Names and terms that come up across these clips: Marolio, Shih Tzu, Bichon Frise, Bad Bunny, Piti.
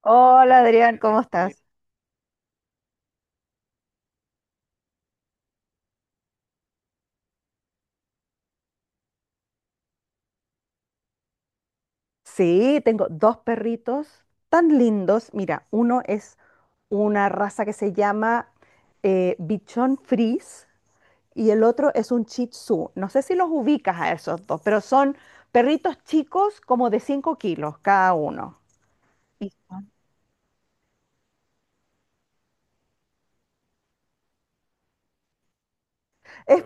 Hola Adrián, ¿cómo estás? Sí, tengo dos perritos tan lindos. Mira, uno es una raza que se llama Bichon Frise y el otro es un Shih Tzu. No sé si los ubicas a esos dos, pero son perritos chicos como de 5 kilos cada uno. Y es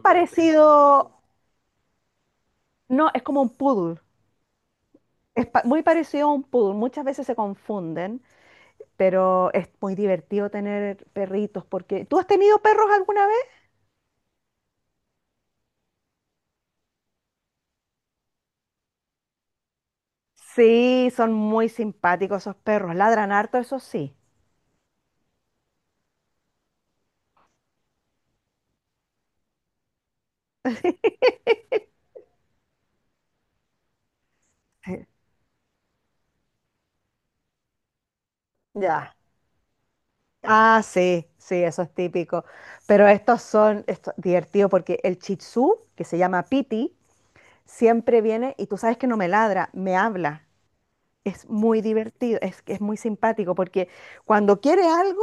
parecido, no, es como un poodle. Es muy parecido a un poodle. Muchas veces se confunden, pero es muy divertido tener perritos porque... ¿Tú has tenido perros alguna vez? Sí, son muy simpáticos esos perros. Ladran harto, eso sí. Ya. Ah, sí, sí, eso es típico. Pero estos son esto, divertidos porque el Shih Tzu, que se llama Piti, siempre viene y tú sabes que no me ladra, me habla. Es muy divertido, es muy simpático porque cuando quiere algo,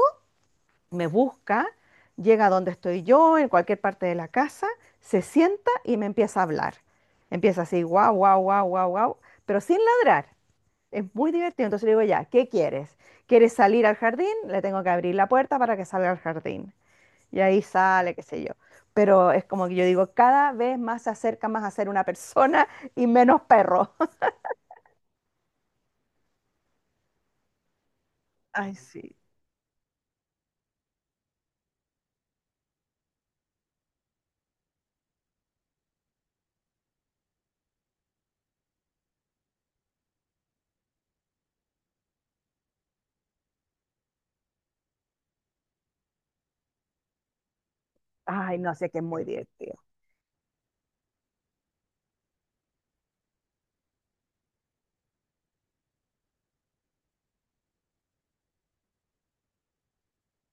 me busca, llega a donde estoy yo, en cualquier parte de la casa, se sienta y me empieza a hablar. Empieza así, guau, guau, guau, guau, guau, pero sin ladrar. Es muy divertido. Entonces le digo, ya, ¿qué quieres? ¿Quieres salir al jardín? Le tengo que abrir la puerta para que salga al jardín. Y ahí sale, qué sé yo. Pero es como que yo digo, cada vez más se acerca más a ser una persona y menos perro. Ay, sí. Ay, no sé, que es muy divertido.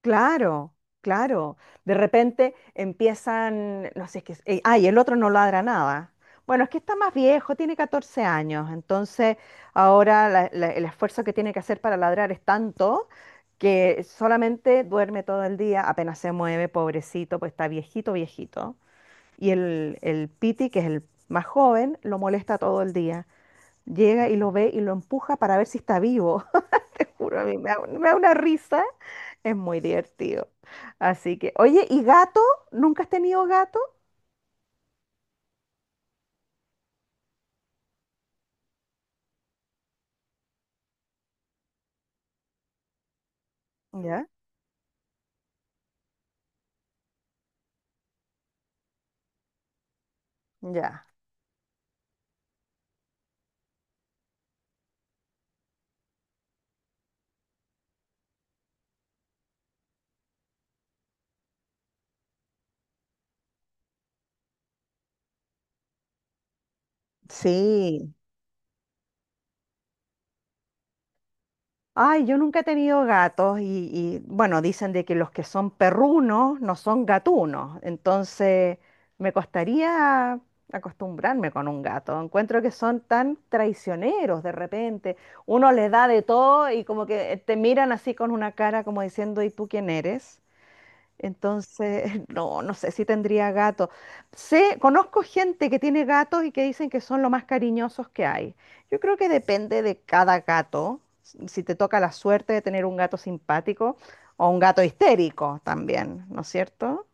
Claro, claro. De repente empiezan, no sé, es que, ay, el otro no ladra nada. Bueno, es que está más viejo, tiene 14 años, entonces ahora el esfuerzo que tiene que hacer para ladrar es tanto que solamente duerme todo el día, apenas se mueve, pobrecito, pues está viejito, viejito. Y el Piti, que es el más joven, lo molesta todo el día. Llega y lo ve y lo empuja para ver si está vivo. Te juro, a mí me da una risa. Es muy divertido. Así que, oye, ¿y gato? ¿Nunca has tenido gato? ¿Ya? Ya. Sí. Ay, yo nunca he tenido gatos bueno, dicen de que los que son perrunos no son gatunos. Entonces, me costaría acostumbrarme con un gato. Encuentro que son tan traicioneros de repente. Uno les da de todo y como que te miran así con una cara como diciendo, ¿y tú quién eres? Entonces, no, no sé si tendría gato. Sé, conozco gente que tiene gatos y que dicen que son lo más cariñosos que hay. Yo creo que depende de cada gato, si te toca la suerte de tener un gato simpático o un gato histérico también, ¿no es cierto?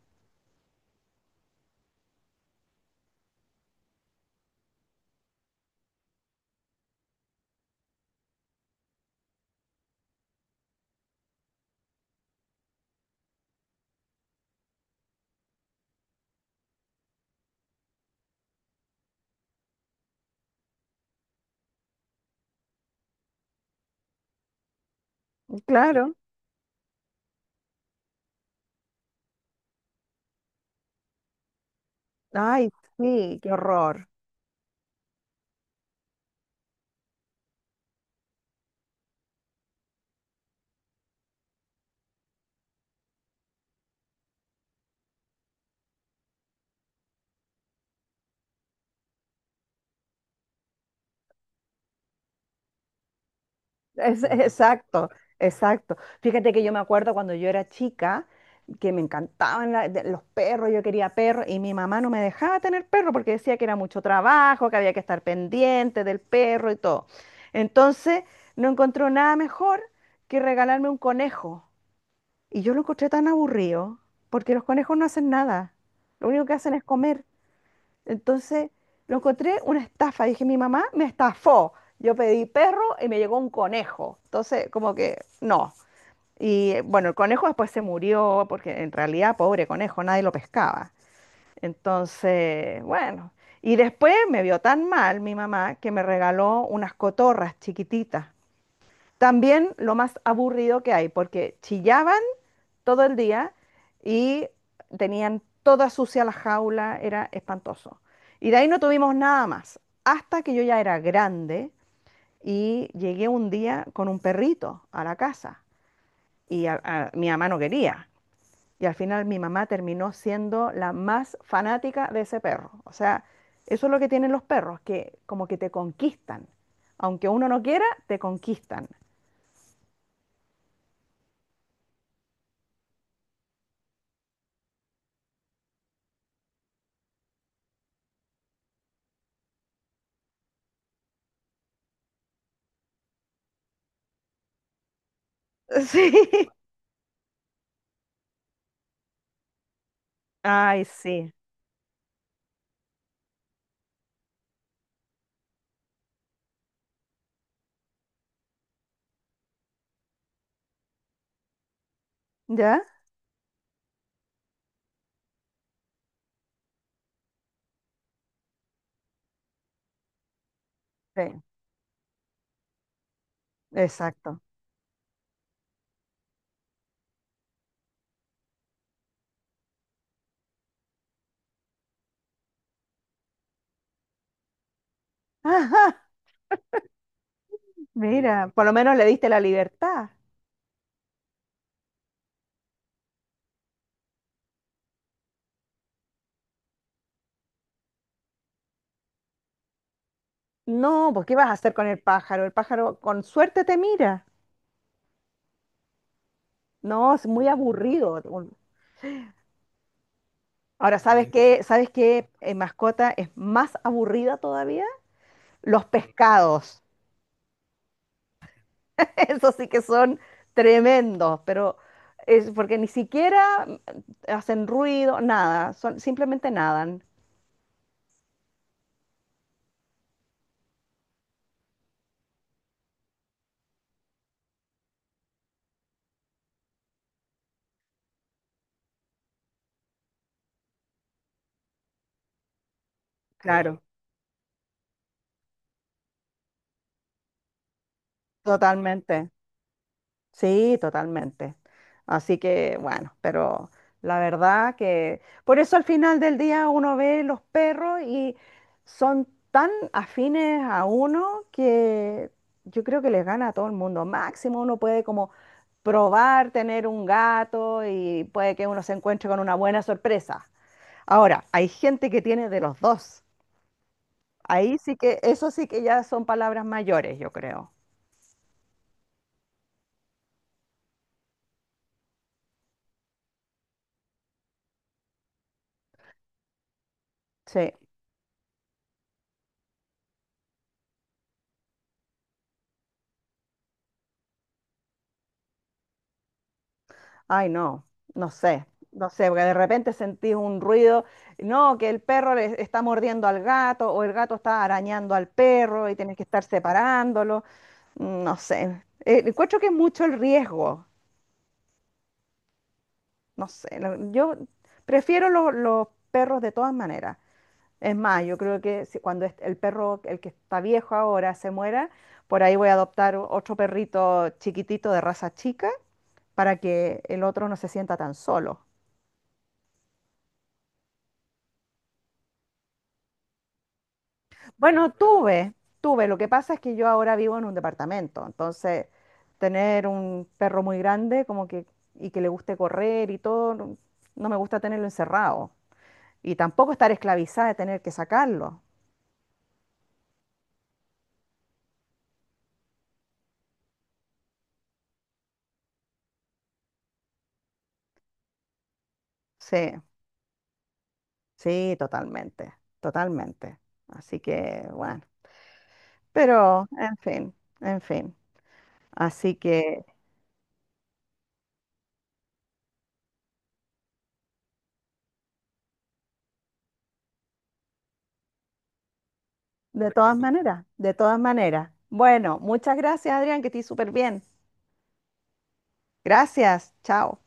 Claro. Ay, sí, qué horror. Es- exacto, exacto. Fíjate que yo me acuerdo cuando yo era chica que me encantaban los perros, yo quería perros y mi mamá no me dejaba tener perro porque decía que era mucho trabajo, que había que estar pendiente del perro y todo. Entonces no encontró nada mejor que regalarme un conejo. Y yo lo encontré tan aburrido porque los conejos no hacen nada, lo único que hacen es comer. Entonces lo encontré una estafa. Dije, mi mamá me estafó. Yo pedí perro y me llegó un conejo. Entonces, como que no. Y bueno, el conejo después se murió porque en realidad, pobre conejo, nadie lo pescaba. Entonces, bueno. Y después me vio tan mal mi mamá que me regaló unas cotorras chiquititas. También lo más aburrido que hay, porque chillaban todo el día y tenían toda sucia la jaula, era espantoso. Y de ahí no tuvimos nada más, hasta que yo ya era grande y llegué un día con un perrito a la casa y mi mamá no quería. Y al final mi mamá terminó siendo la más fanática de ese perro. O sea, eso es lo que tienen los perros, que como que te conquistan. Aunque uno no quiera, te conquistan. Sí. Ay, sí. ¿Ya? Sí, exacto. Mira, por lo menos le diste la libertad. No, pues ¿qué vas a hacer con el pájaro? El pájaro con suerte te mira. No, es muy aburrido. Ahora, ¿sabes Sí. qué? ¿Sabes qué mascota es más aburrida todavía? Los pescados. Esos sí que son tremendos, pero es porque ni siquiera hacen ruido, nada, son, simplemente nadan. Claro. Claro. Totalmente. Sí, totalmente. Así que bueno, pero la verdad que por eso al final del día uno ve los perros y son tan afines a uno que yo creo que les gana a todo el mundo. Máximo uno puede como probar tener un gato y puede que uno se encuentre con una buena sorpresa. Ahora, hay gente que tiene de los dos. Ahí sí que, eso sí que ya son palabras mayores, yo creo. Sí. Ay, no, no sé, no sé, porque de repente sentís un ruido, no, que el perro le está mordiendo al gato o el gato está arañando al perro y tienes que estar separándolo, mm, no sé. Encuentro que es mucho el riesgo, no sé, lo- yo prefiero los perros de todas maneras. Es más, yo creo que cuando el perro, el que está viejo ahora, se muera, por ahí voy a adoptar otro perrito chiquitito de raza chica para que el otro no se sienta tan solo. Bueno, tuve, tuve. Lo que pasa es que yo ahora vivo en un departamento, entonces tener un perro muy grande como que y que le guste correr y todo, no, no me gusta tenerlo encerrado. Y tampoco estar esclavizada de tener que sacarlo. Sí, sí, totalmente, totalmente. Así que, bueno, pero, en fin, en fin. Así que, de todas maneras, de todas maneras. Bueno, muchas gracias, Adrián, que estés súper bien. Gracias, chao.